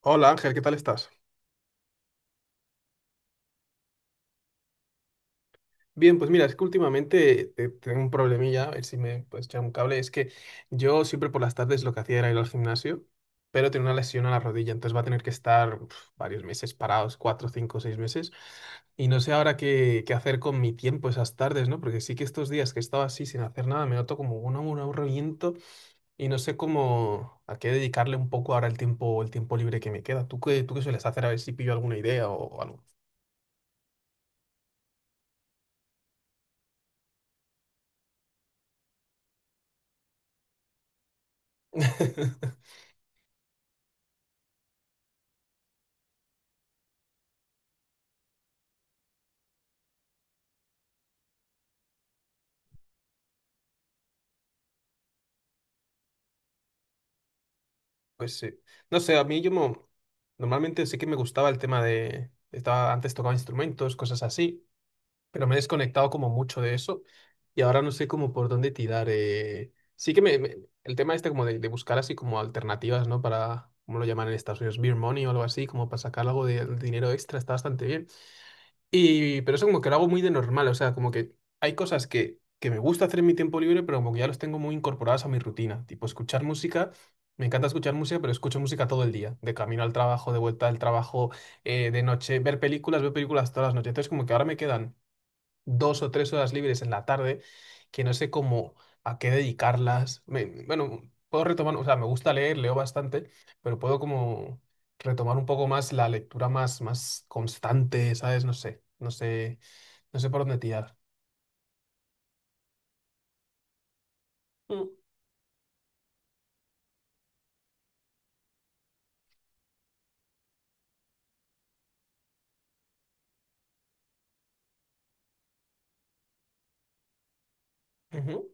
Hola Ángel, ¿qué tal estás? Bien, pues mira, es que últimamente tengo un problemilla, a ver si me puedes echar un cable. Es que yo siempre por las tardes lo que hacía era ir al gimnasio, pero tengo una lesión a la rodilla, entonces va a tener que estar varios meses parados, cuatro, cinco, seis meses. Y no sé ahora qué hacer con mi tiempo esas tardes, ¿no? Porque sí que estos días que he estado así sin hacer nada, me noto como un aburrimiento y no sé cómo a qué dedicarle un poco ahora el tiempo libre que me queda. ¿Tú qué sueles hacer? A ver si pillo alguna idea o algo. Pues sí. No sé, a normalmente sí que me gustaba el tema de Estaba, antes tocaba instrumentos, cosas así, pero me he desconectado como mucho de eso y ahora no sé como por dónde tirar. Sí que el tema este como de buscar así como alternativas, ¿no? Para, ¿cómo lo llaman en Estados Unidos? Beer money o algo así, como para sacar algo de, dinero extra, está bastante bien. Y, pero eso como que lo hago muy de normal, o sea, como que hay cosas que me gusta hacer en mi tiempo libre, pero como que ya los tengo muy incorporadas a mi rutina, tipo escuchar música, me encanta escuchar música, pero escucho música todo el día, de camino al trabajo, de vuelta al trabajo, de noche, ver películas, veo películas todas las noches, entonces como que ahora me quedan dos o tres horas libres en la tarde que no sé cómo a qué dedicarlas. Bueno, puedo retomar, o sea, me gusta leer, leo bastante, pero puedo como retomar un poco más la lectura más, más constante, ¿sabes? No sé, no sé, no sé por dónde tirar. Mm, ujú,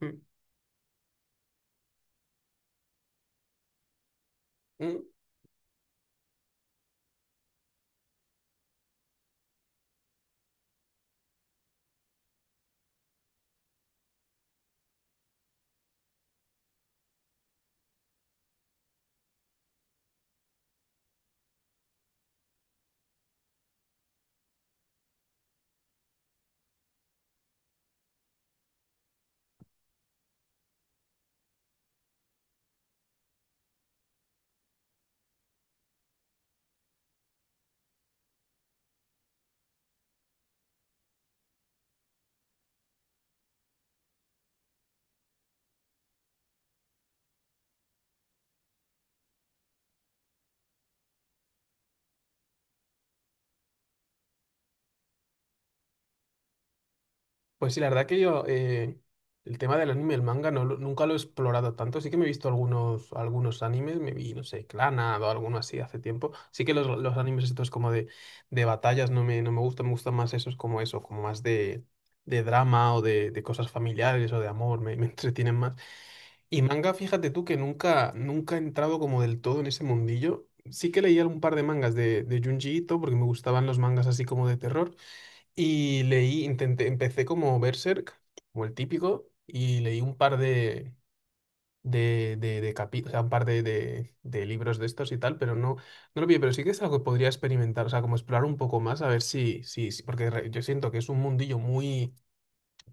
mm, mm. Pues sí, la verdad que yo, el tema del anime y el manga nunca lo he explorado tanto. Sí que me he visto algunos, algunos animes, me vi, no sé, Clannad o alguno así hace tiempo. Sí que los animes estos como de batallas no no me gustan, me gustan más esos como eso, como más de drama o de cosas familiares o de amor, me, me entretienen más. Y manga, fíjate tú que nunca, nunca he entrado como del todo en ese mundillo. Sí que leí un par de mangas de Junji Ito porque me gustaban los mangas así como de terror. Y leí, intenté, empecé como Berserk, como el típico, y leí un par o sea, un par de libros de estos y tal, pero no, no lo vi, pero sí que es algo que podría experimentar, o sea, como explorar un poco más, a ver yo siento que es un mundillo muy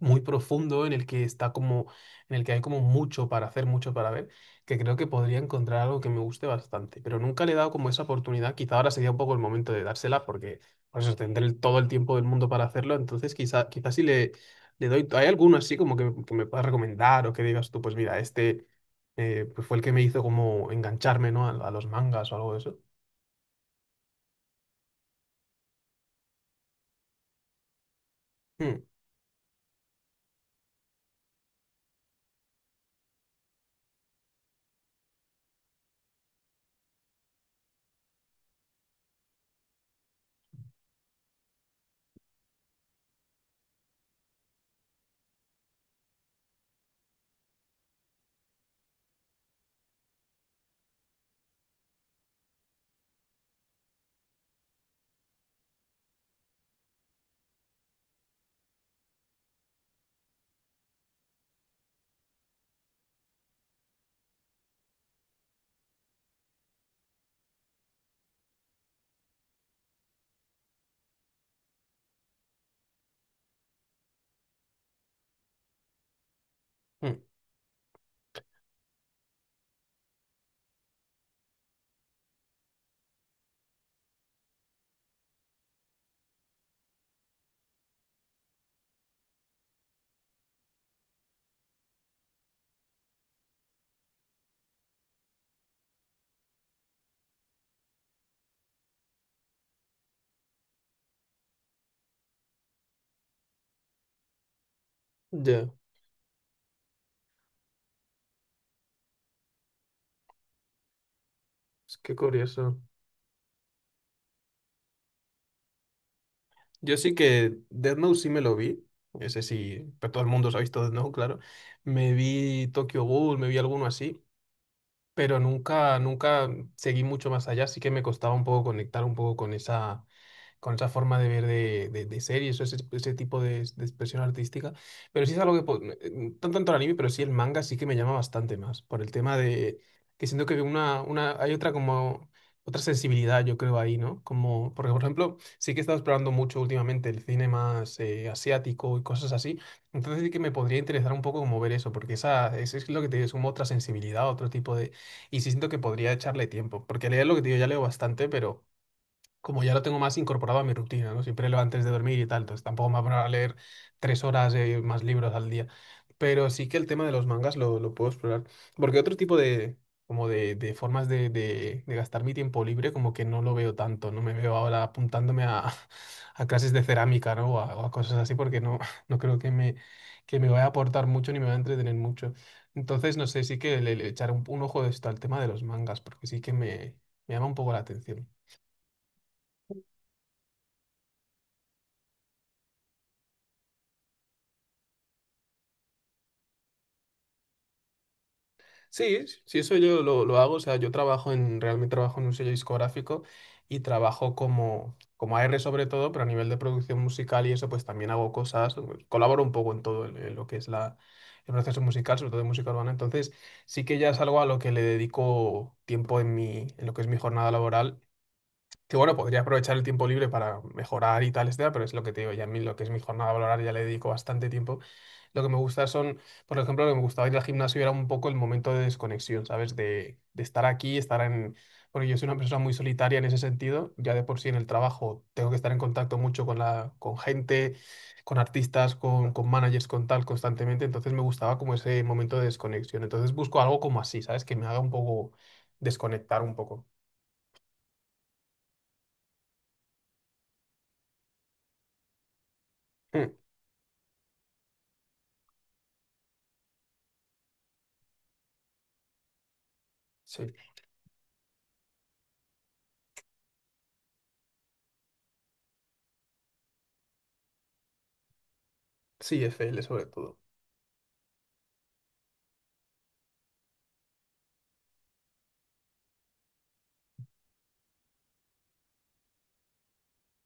muy profundo en el que está como, en el que hay como mucho para hacer, mucho para ver, que creo que podría encontrar algo que me guste bastante, pero nunca le he dado como esa oportunidad, quizá ahora sería un poco el momento de dársela porque por eso todo el tiempo del mundo para hacerlo, entonces quizá, quizá si le, le doy, ¿hay alguno así como que me puedas recomendar o que digas tú, pues mira, este pues fue el que me hizo como engancharme, ¿no? A los mangas o algo de eso. Mm, mm, ya, es que curioso. Yo sí que Death Note sí me lo vi. Ese sí, pero todo el mundo se ha visto Death Note, claro. Me vi Tokyo Ghoul, me vi alguno así, pero nunca, nunca seguí mucho más allá, así que me costaba un poco conectar un poco con esa forma de ver de series o ese tipo de expresión artística. Pero sí es algo que, no tanto el anime, pero sí el manga sí que me llama bastante más, por el tema de que siento que una, hay otra como Otra sensibilidad, yo creo, ahí, ¿no? Como, porque, por ejemplo, sí que he estado explorando mucho últimamente el cine más asiático y cosas así. Entonces sí que me podría interesar un poco como ver eso, porque esa, eso es lo que te digo, es como otra sensibilidad, otro tipo de Y sí siento que podría echarle tiempo, porque leer lo que te digo ya leo bastante, pero como ya lo tengo más incorporado a mi rutina, ¿no? Siempre leo antes de dormir y tal, entonces tampoco me voy a poner a leer tres horas más libros al día. Pero sí que el tema de los mangas lo puedo explorar. Porque otro tipo de, como de formas de gastar mi tiempo libre, como que no lo veo tanto, no me veo ahora apuntándome a, a clases de cerámica, ¿no? O a cosas así, porque no, no creo que que me vaya a aportar mucho ni me vaya a entretener mucho. Entonces, no sé, sí que le echaré un ojo de esto al tema de los mangas, porque sí que me llama un poco la atención. Sí, sí, eso yo lo hago. O sea, yo trabajo en, realmente trabajo en un sello discográfico y trabajo como, como A R sobre todo, pero a nivel de producción musical y eso, pues también hago cosas, pues, colaboro un poco en todo en lo que es la, el proceso musical, sobre todo de música urbana. Entonces, sí que ya es algo a lo que le dedico tiempo en mi, en lo que es mi jornada laboral que bueno, podría aprovechar el tiempo libre para mejorar y tal, etcétera, pero es lo que te digo, ya a mí lo que es mi jornada laboral ya le dedico bastante tiempo. Lo que me gusta son, por ejemplo, lo que me gustaba ir al gimnasio era un poco el momento de desconexión, ¿sabes? De estar aquí, estar en Porque yo soy una persona muy solitaria en ese sentido, ya de por sí en el trabajo tengo que estar en contacto mucho con la, con gente, con artistas, con managers, con tal, constantemente, entonces me gustaba como ese momento de desconexión. Entonces busco algo como así, ¿sabes? Que me haga un poco desconectar un poco. Mm, sí. Sí, FL sobre todo.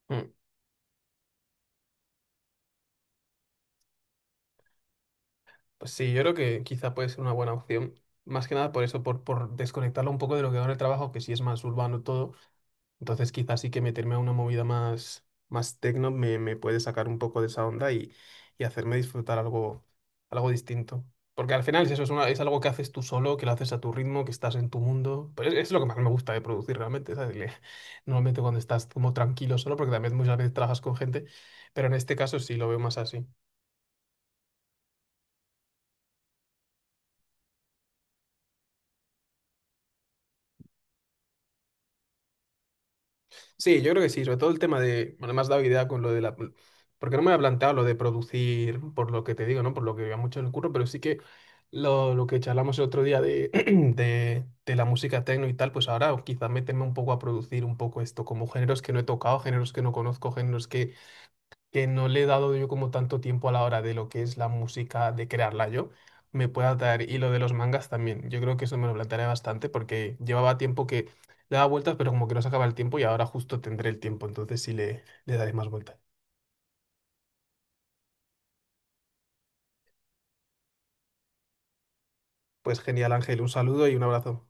Mm. Pues sí, yo creo que quizá puede ser una buena opción. Más que nada por eso, por desconectarlo un poco de lo que ahora el trabajo, que sí es más urbano todo. Entonces quizás sí que meterme a una movida más, más tecno me puede sacar un poco de esa onda y hacerme disfrutar algo, algo distinto. Porque al final es eso, es algo que haces tú solo, que lo haces a tu ritmo, que estás en tu mundo. Pero es lo que más me gusta de producir realmente, ¿sabes? Normalmente cuando estás como tranquilo solo, porque también muchas veces trabajas con gente, pero en este caso sí lo veo más así. Sí, yo creo que sí, sobre todo el tema de, bueno, me has dado idea con lo de la, porque no me había planteado lo de producir, por lo que te digo, ¿no? Por lo que veía mucho en el curro, pero sí que lo que charlamos el otro día de, de la música techno y tal, pues ahora quizás meterme un poco a producir un poco esto, como géneros que no he tocado, géneros que no conozco, géneros que no le he dado yo como tanto tiempo a la hora de lo que es la música, de crearla yo, me pueda dar. Y lo de los mangas también. Yo creo que eso me lo plantearé bastante porque llevaba tiempo que le daba vueltas, pero como que no se acaba el tiempo y ahora justo tendré el tiempo, entonces sí le daré más vueltas. Pues genial, Ángel, un saludo y un abrazo.